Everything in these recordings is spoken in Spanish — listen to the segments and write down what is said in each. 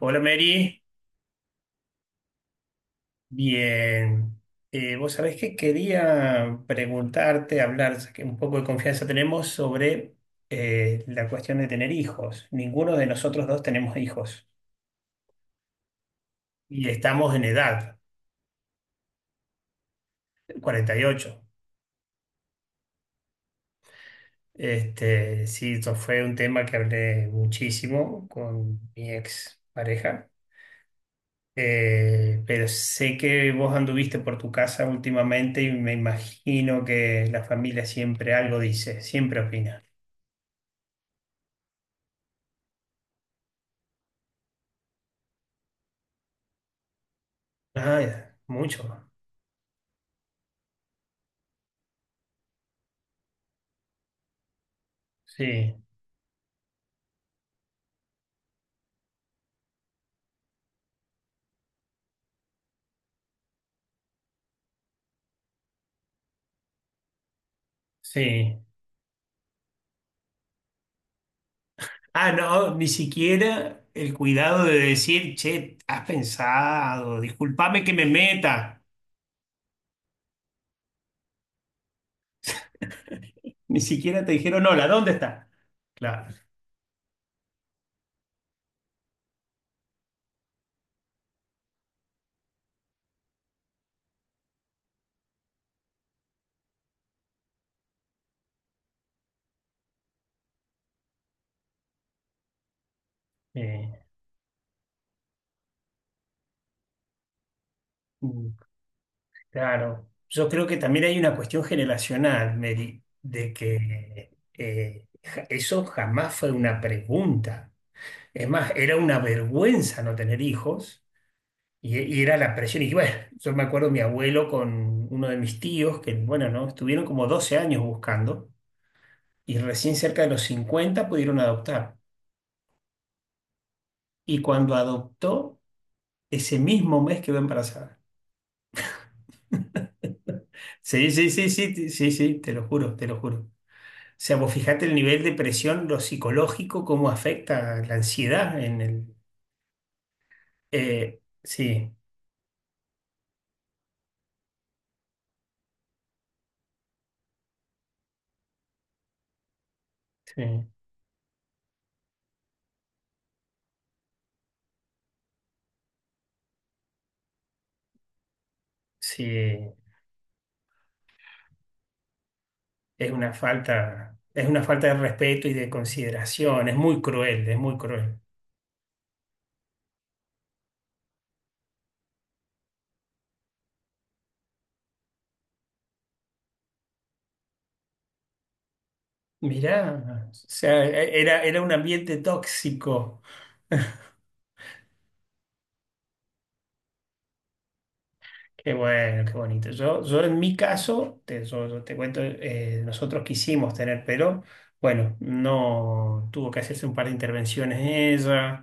Hola Mary, bien. Vos sabés que quería preguntarte, hablar, ya que un poco de confianza tenemos sobre la cuestión de tener hijos. Ninguno de nosotros dos tenemos hijos y estamos en edad, 48. Este, sí, esto fue un tema que hablé muchísimo con mi ex pareja. Pero sé que vos anduviste por tu casa últimamente y me imagino que la familia siempre algo dice, siempre opina. Ah, ya, mucho. Sí, sí. Ah, no, ni siquiera el cuidado de decir, che, has pensado, discúlpame que me meta. Ni siquiera te dijeron, hola, ¿dónde está? Claro. eh, mm, claro. Yo creo que también hay una cuestión generacional, Mary, de que eso jamás fue una pregunta. Es más, era una vergüenza no tener hijos. Y era la presión. Y bueno, yo me acuerdo mi abuelo con uno de mis tíos, que bueno, ¿no? Estuvieron como 12 años buscando y recién cerca de los 50 pudieron adoptar. Y cuando adoptó, ese mismo mes quedó embarazada. Sí, sí, sí, sí, sí, sí, sí, te lo juro, te lo juro. O sea, vos fijate el nivel de presión, lo psicológico, cómo afecta la ansiedad en el... eh, sí, sí, sí, es una falta de respeto y de consideración, es muy cruel, es muy cruel. Mirá, o sea, era un ambiente tóxico. Qué bueno, qué bonito. Yo en mi caso, yo te cuento, nosotros quisimos tener, pero bueno, no tuvo que hacerse un par de intervenciones ella,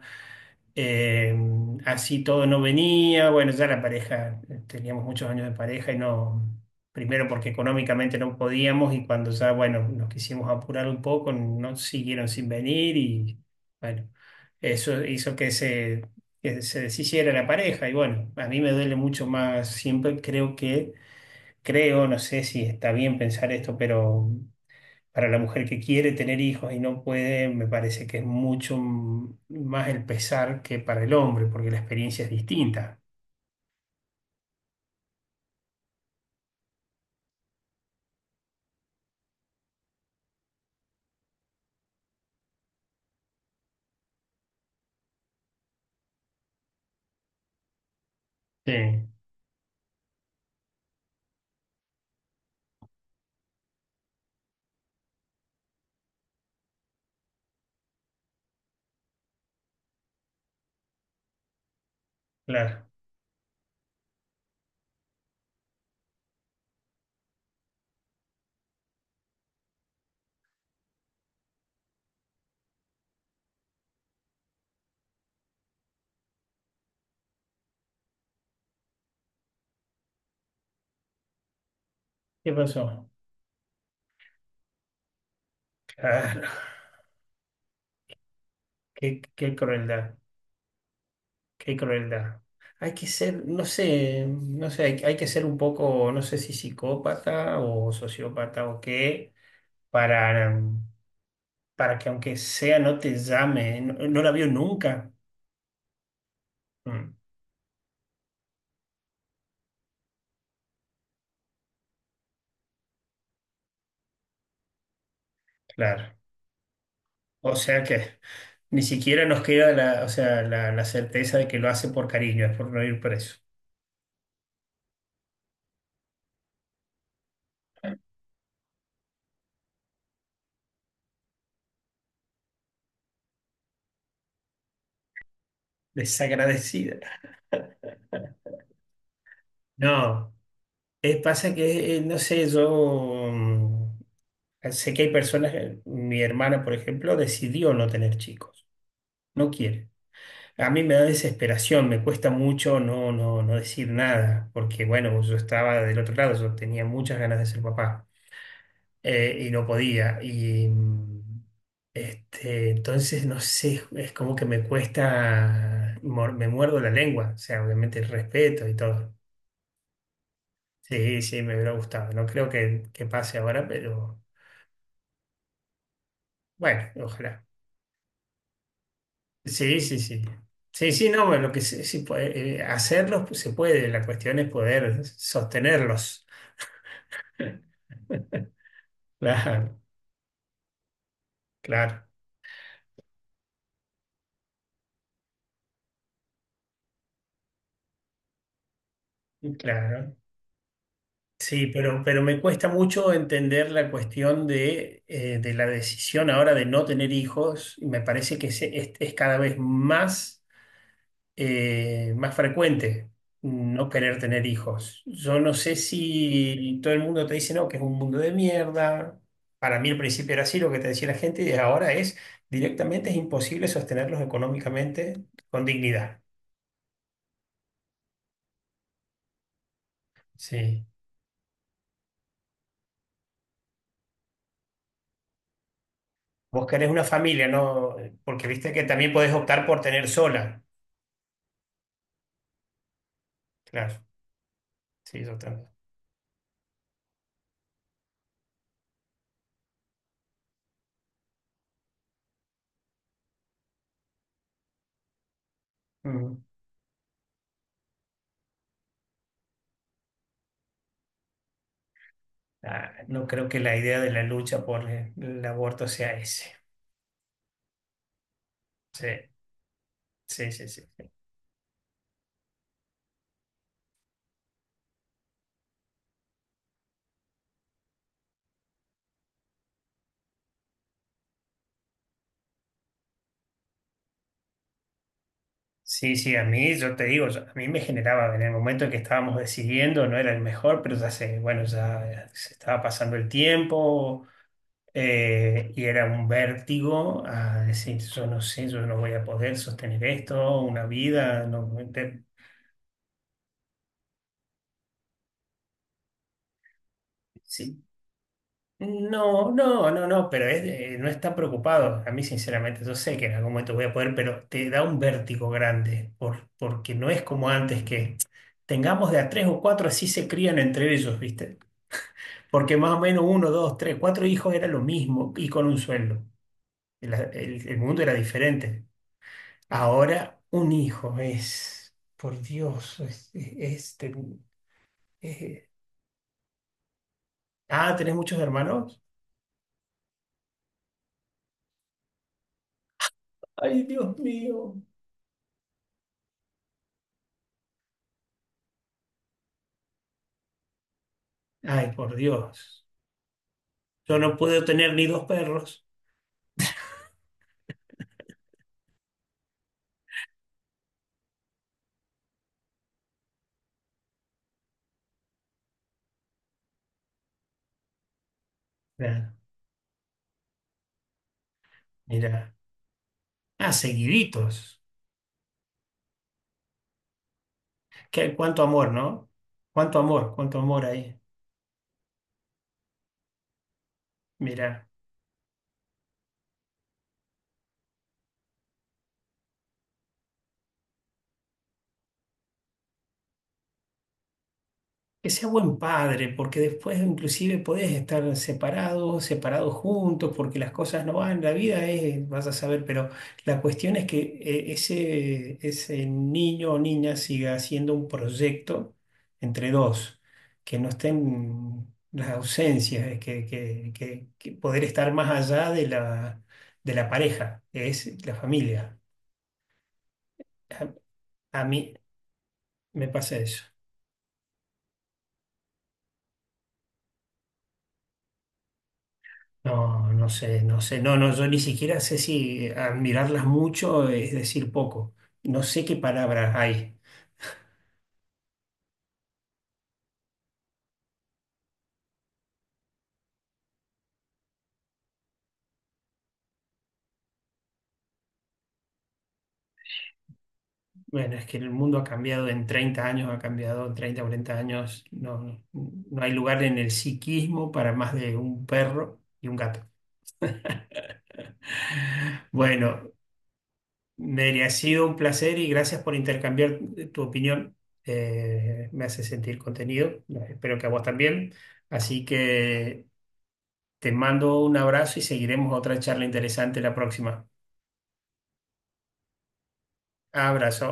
eh, así todo no venía, bueno, ya la pareja, teníamos muchos años de pareja y no, primero porque económicamente no podíamos y cuando ya, bueno, nos quisimos apurar un poco, no siguieron sin venir y bueno, eso hizo que se deshiciera la pareja. Y bueno, a mí me duele mucho más, siempre creo, no sé si está bien pensar esto, pero para la mujer que quiere tener hijos y no puede, me parece que es mucho más el pesar que para el hombre, porque la experiencia es distinta. Sí, claro. ¿Qué pasó? Claro, qué, qué crueldad, qué crueldad. Hay que ser, no sé, no sé, hay que ser un poco, no sé si psicópata o sociópata o qué, para, para que aunque sea no te llame, no, no la vio nunca. Mm, claro. O sea que ni siquiera nos queda la, o sea, la certeza de que lo hace por cariño, es por no ir preso. Desagradecida. No, pasa que, no sé, sé que hay personas, mi hermana, por ejemplo, decidió no tener chicos, no quiere. A mí me da desesperación, me cuesta mucho no decir nada, porque bueno, yo estaba del otro lado, yo tenía muchas ganas de ser papá. Y no podía. Y entonces, no sé, es como que me cuesta, me muerdo la lengua, o sea, obviamente el respeto y todo. Sí, sí, me hubiera gustado. No creo que pase ahora, pero bueno, ojalá. Sí, sí, sí. Sí, sí, no, bueno, lo que sí, sí puede, hacerlos pues, se puede, la cuestión es poder sostenerlos. Claro, claro, claro. Sí, pero me cuesta mucho entender la cuestión de la decisión ahora de no tener hijos. Y Me parece que es cada vez más, más frecuente no querer tener hijos. Yo no sé si todo el mundo te dice no, que es un mundo de mierda. Para mí al principio era así lo que te decía la gente y ahora es directamente es imposible sostenerlos económicamente con dignidad. Sí. Vos querés una familia, ¿no? Porque viste que también podés optar por tener sola. Claro. Sí, yo también. Mm. Ah, no creo que la idea de la lucha por el aborto sea ese. Sí, sí, sí, sí. Sí, sí, sí, a mí, yo te digo, a mí me generaba en el momento en que estábamos decidiendo, no era el mejor, pero ya sé, bueno, ya se estaba pasando el tiempo y era un vértigo a decir, yo no sé, yo no voy a poder sostener esto, una vida, no, sí, no, no, no, no, pero es no están preocupados. A mí, sinceramente, yo sé que en algún momento voy a poder, pero te da un vértigo grande por, porque no es como antes que tengamos de a tres o cuatro, así se crían entre ellos, ¿viste? Porque más o menos uno, dos, tres, cuatro hijos era lo mismo y con un sueldo. El mundo era diferente. Ahora, un hijo es, por Dios, es- es- eh, ah, ¿tenés muchos hermanos? Ay, Dios mío. Ay, por Dios. Yo no pude tener ni dos perros. Claro, mira. Ah, seguiditos. Qué, cuánto amor, ¿no? Cuánto amor ahí. Mira. Que sea buen padre, porque después inclusive podés estar separados, separados juntos, porque las cosas no van, la vida es, vas a saber, pero la cuestión es que ese, ese niño o niña siga haciendo un proyecto entre dos, que no estén las ausencias, que poder estar más allá de la pareja, que es la familia. A, a mí me pasa eso. No, no sé, no sé. No, no, yo ni siquiera sé si admirarlas mucho es decir poco. No sé qué palabras hay. Bueno, es que el mundo ha cambiado en 30 años, ha cambiado en 30, cuarenta años. No, no hay lugar en el psiquismo para más de un perro y un gato. Bueno, Mary, ha sido un placer y gracias por intercambiar tu opinión. Me hace sentir contenido. Espero que a vos también. Así que te mando un abrazo y seguiremos otra charla interesante la próxima. Abrazo.